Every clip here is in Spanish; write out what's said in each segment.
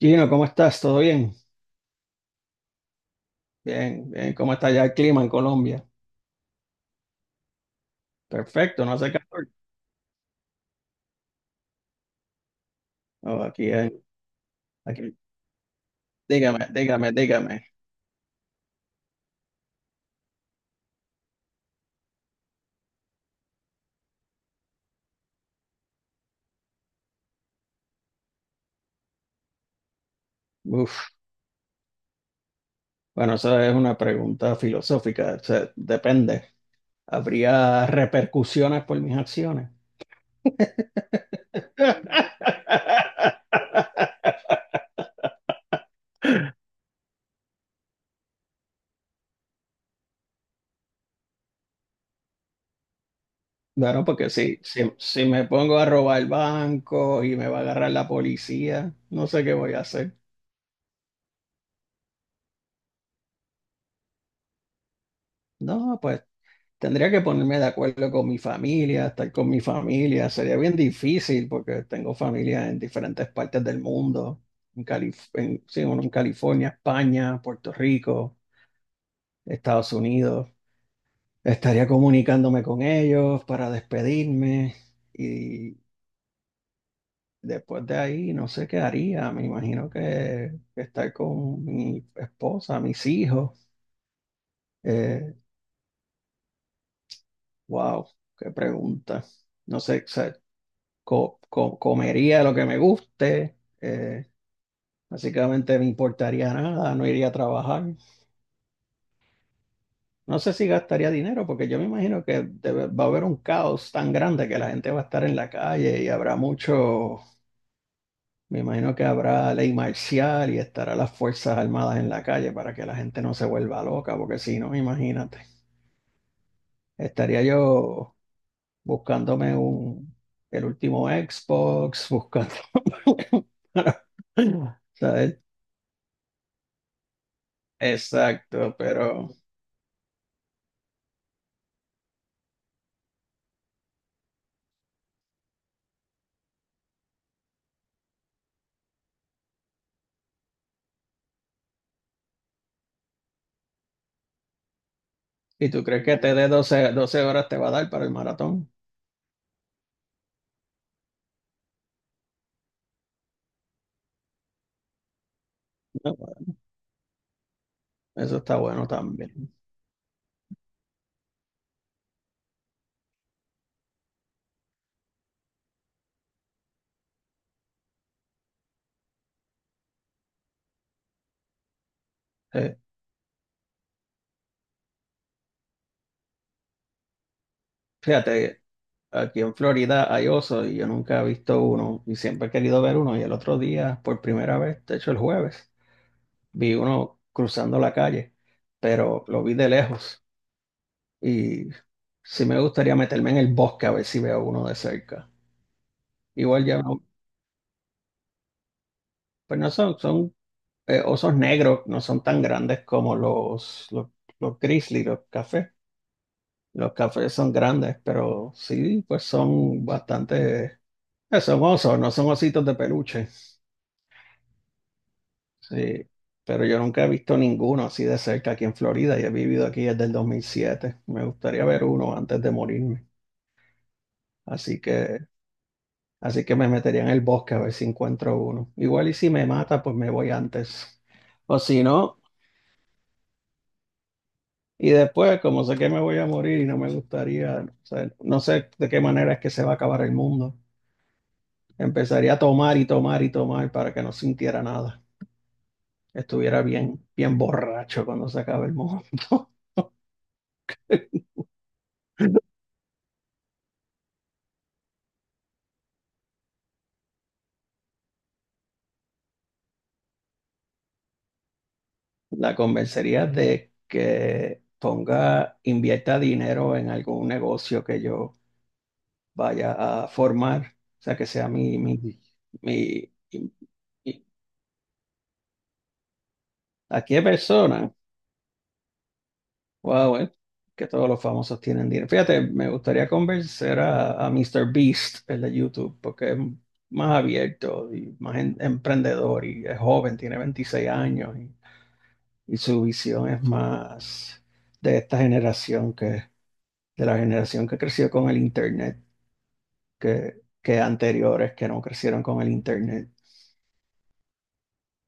Gino, ¿cómo estás? ¿Todo bien? Bien, bien. ¿Cómo está ya el clima en Colombia? Perfecto, no hace calor. No, aquí, aquí. Dígame, dígame, dígame. Uf. Bueno, esa es una pregunta filosófica. O sea, depende. ¿Habría repercusiones por mis acciones? Bueno, porque si me pongo a robar el banco y me va a agarrar la policía, no sé qué voy a hacer. No, pues tendría que ponerme de acuerdo con mi familia, estar con mi familia. Sería bien difícil porque tengo familia en diferentes partes del mundo. En sí, uno en California, España, Puerto Rico, Estados Unidos. Estaría comunicándome con ellos para despedirme y después de ahí no sé qué haría. Me imagino que estar con mi esposa, mis hijos. Eh, wow, qué pregunta. No sé, o sea, comería lo que me guste, básicamente me importaría nada, no iría a trabajar. No sé si gastaría dinero, porque yo me imagino que va a haber un caos tan grande que la gente va a estar en la calle y habrá mucho, me imagino que habrá ley marcial y estará las Fuerzas Armadas en la calle para que la gente no se vuelva loca, porque si no, imagínate, estaría yo buscándome un. El último Xbox, buscando para- ¿sabes? Exacto, pero ¿y tú crees que te dé doce horas te va a dar para el maratón? No. Eso está bueno también. Eh, fíjate, aquí en Florida hay osos y yo nunca he visto uno y siempre he querido ver uno y el otro día, por primera vez, de hecho el jueves, vi uno cruzando la calle, pero lo vi de lejos y sí me gustaría meterme en el bosque a ver si veo uno de cerca. Igual ya no, pues no son, son osos negros no son tan grandes como los grizzly, los cafés. Los cafés son grandes, pero sí, pues son bastante. Son osos, no son ositos de peluche. Sí, pero yo nunca he visto ninguno así de cerca aquí en Florida y he vivido aquí desde el 2007. Me gustaría ver uno antes de morirme. Así que, así que me metería en el bosque a ver si encuentro uno. Igual y si me mata, pues me voy antes. O si no. Y después, como sé que me voy a morir y no me gustaría, o sea, no sé de qué manera es que se va a acabar el mundo. Empezaría a tomar y tomar y tomar para que no sintiera nada. Estuviera bien, bien borracho cuando se acabe el mundo. La convencería de que ponga, invierta dinero en algún negocio que yo vaya a formar, o sea, que sea mi, mi, mi, mi- mi- ¿a qué persona? Wow, que todos los famosos tienen dinero. Fíjate, me gustaría convencer a Mr. Beast, el de YouTube, porque es más abierto y más emprendedor y es joven, tiene 26 años y su visión es más de esta generación de la generación que creció con el Internet, que anteriores que no crecieron con el Internet.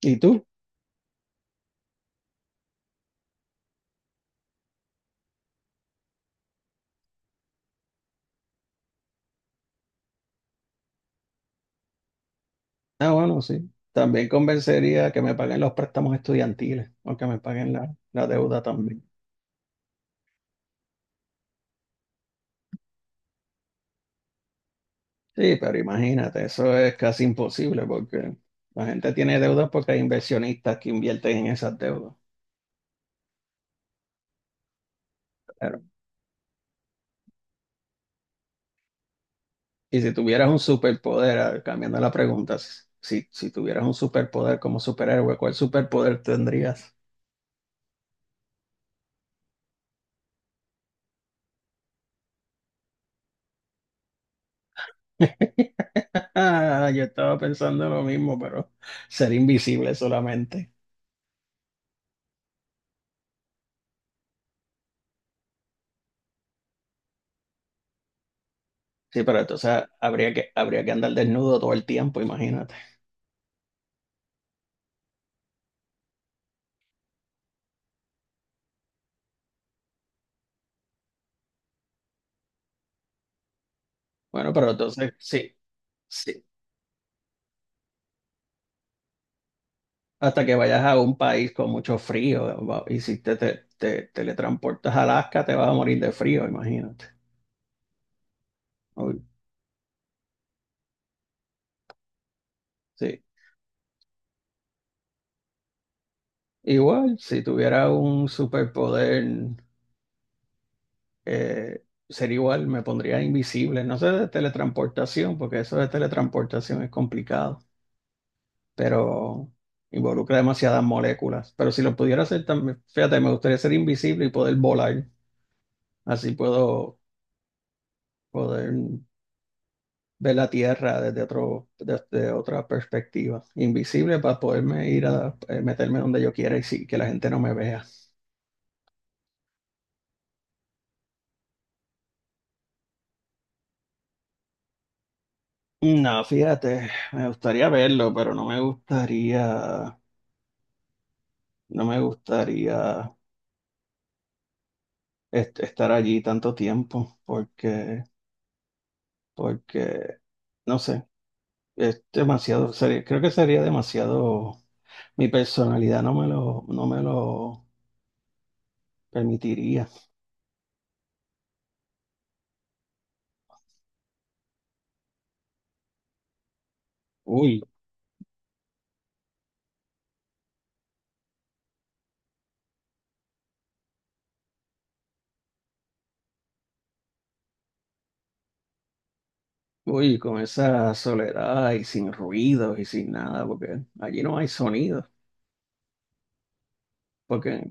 ¿Y tú? Ah, bueno, sí. También convencería que me paguen los préstamos estudiantiles o que me paguen la, la deuda también. Sí, pero imagínate, eso es casi imposible porque la gente tiene deudas porque hay inversionistas que invierten en esas deudas. Claro. Y si tuvieras un superpoder, a ver, cambiando la pregunta, si tuvieras un superpoder como superhéroe, ¿cuál superpoder tendrías? Ah, yo estaba pensando lo mismo, pero ser invisible solamente. Sí, pero entonces habría que andar desnudo todo el tiempo, imagínate. Bueno, pero entonces, sí, sí, hasta que vayas a un país con mucho frío y si te teletransportas a Alaska te vas a morir de frío, imagínate. Uy, sí. Igual, si tuviera un superpoder, sería igual, me pondría invisible. No sé de teletransportación, porque eso de teletransportación es complicado, pero involucra demasiadas moléculas. Pero si lo pudiera hacer también, fíjate, me gustaría ser invisible y poder volar. Así puedo poder ver la Tierra desde otra perspectiva, invisible para poderme ir a meterme donde yo quiera y sí, que la gente no me vea. No, fíjate, me gustaría verlo, pero no me gustaría estar allí tanto tiempo, porque, no sé, es demasiado, creo que sería demasiado, mi personalidad no me lo permitiría. Uy, Uy, con esa soledad y sin ruidos y sin nada, porque allí no hay sonido, porque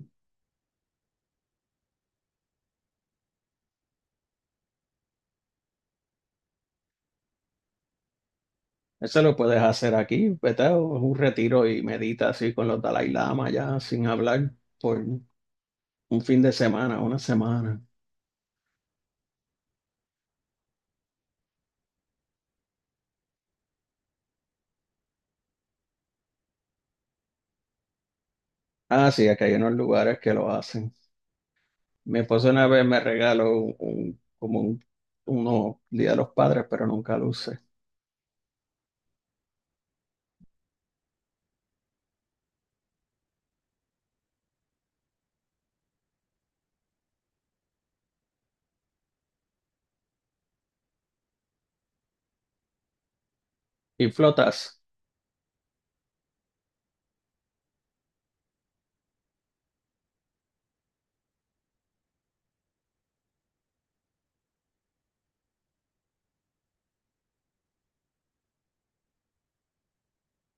eso lo puedes hacer aquí, vete a un retiro y medita así con los Dalai Lama ya sin hablar por un fin de semana, una semana. Ah, sí, aquí hay unos lugares que lo hacen. Mi esposo una vez me regaló como un uno Día de los Padres, pero nunca lo usé. Y flotas,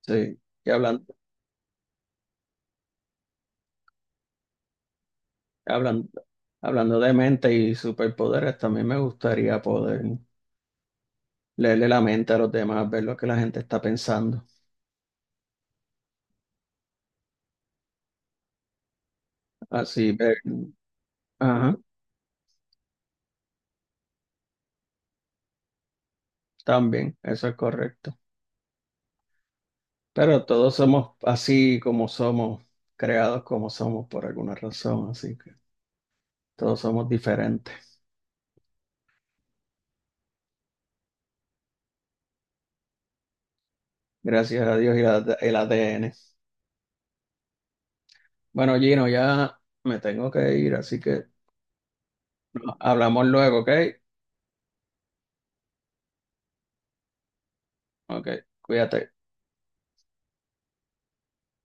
sí, y hablan, hablando de mente y superpoderes, también me gustaría poder leerle la mente a los demás, ver lo que la gente está pensando. Así, ver, ajá, también, eso es correcto. Pero todos somos así como somos, creados como somos por alguna razón, así que todos somos diferentes. Gracias a Dios y el ADN. Bueno, Gino, ya me tengo que ir, así que hablamos luego, ¿ok? Ok, cuídate.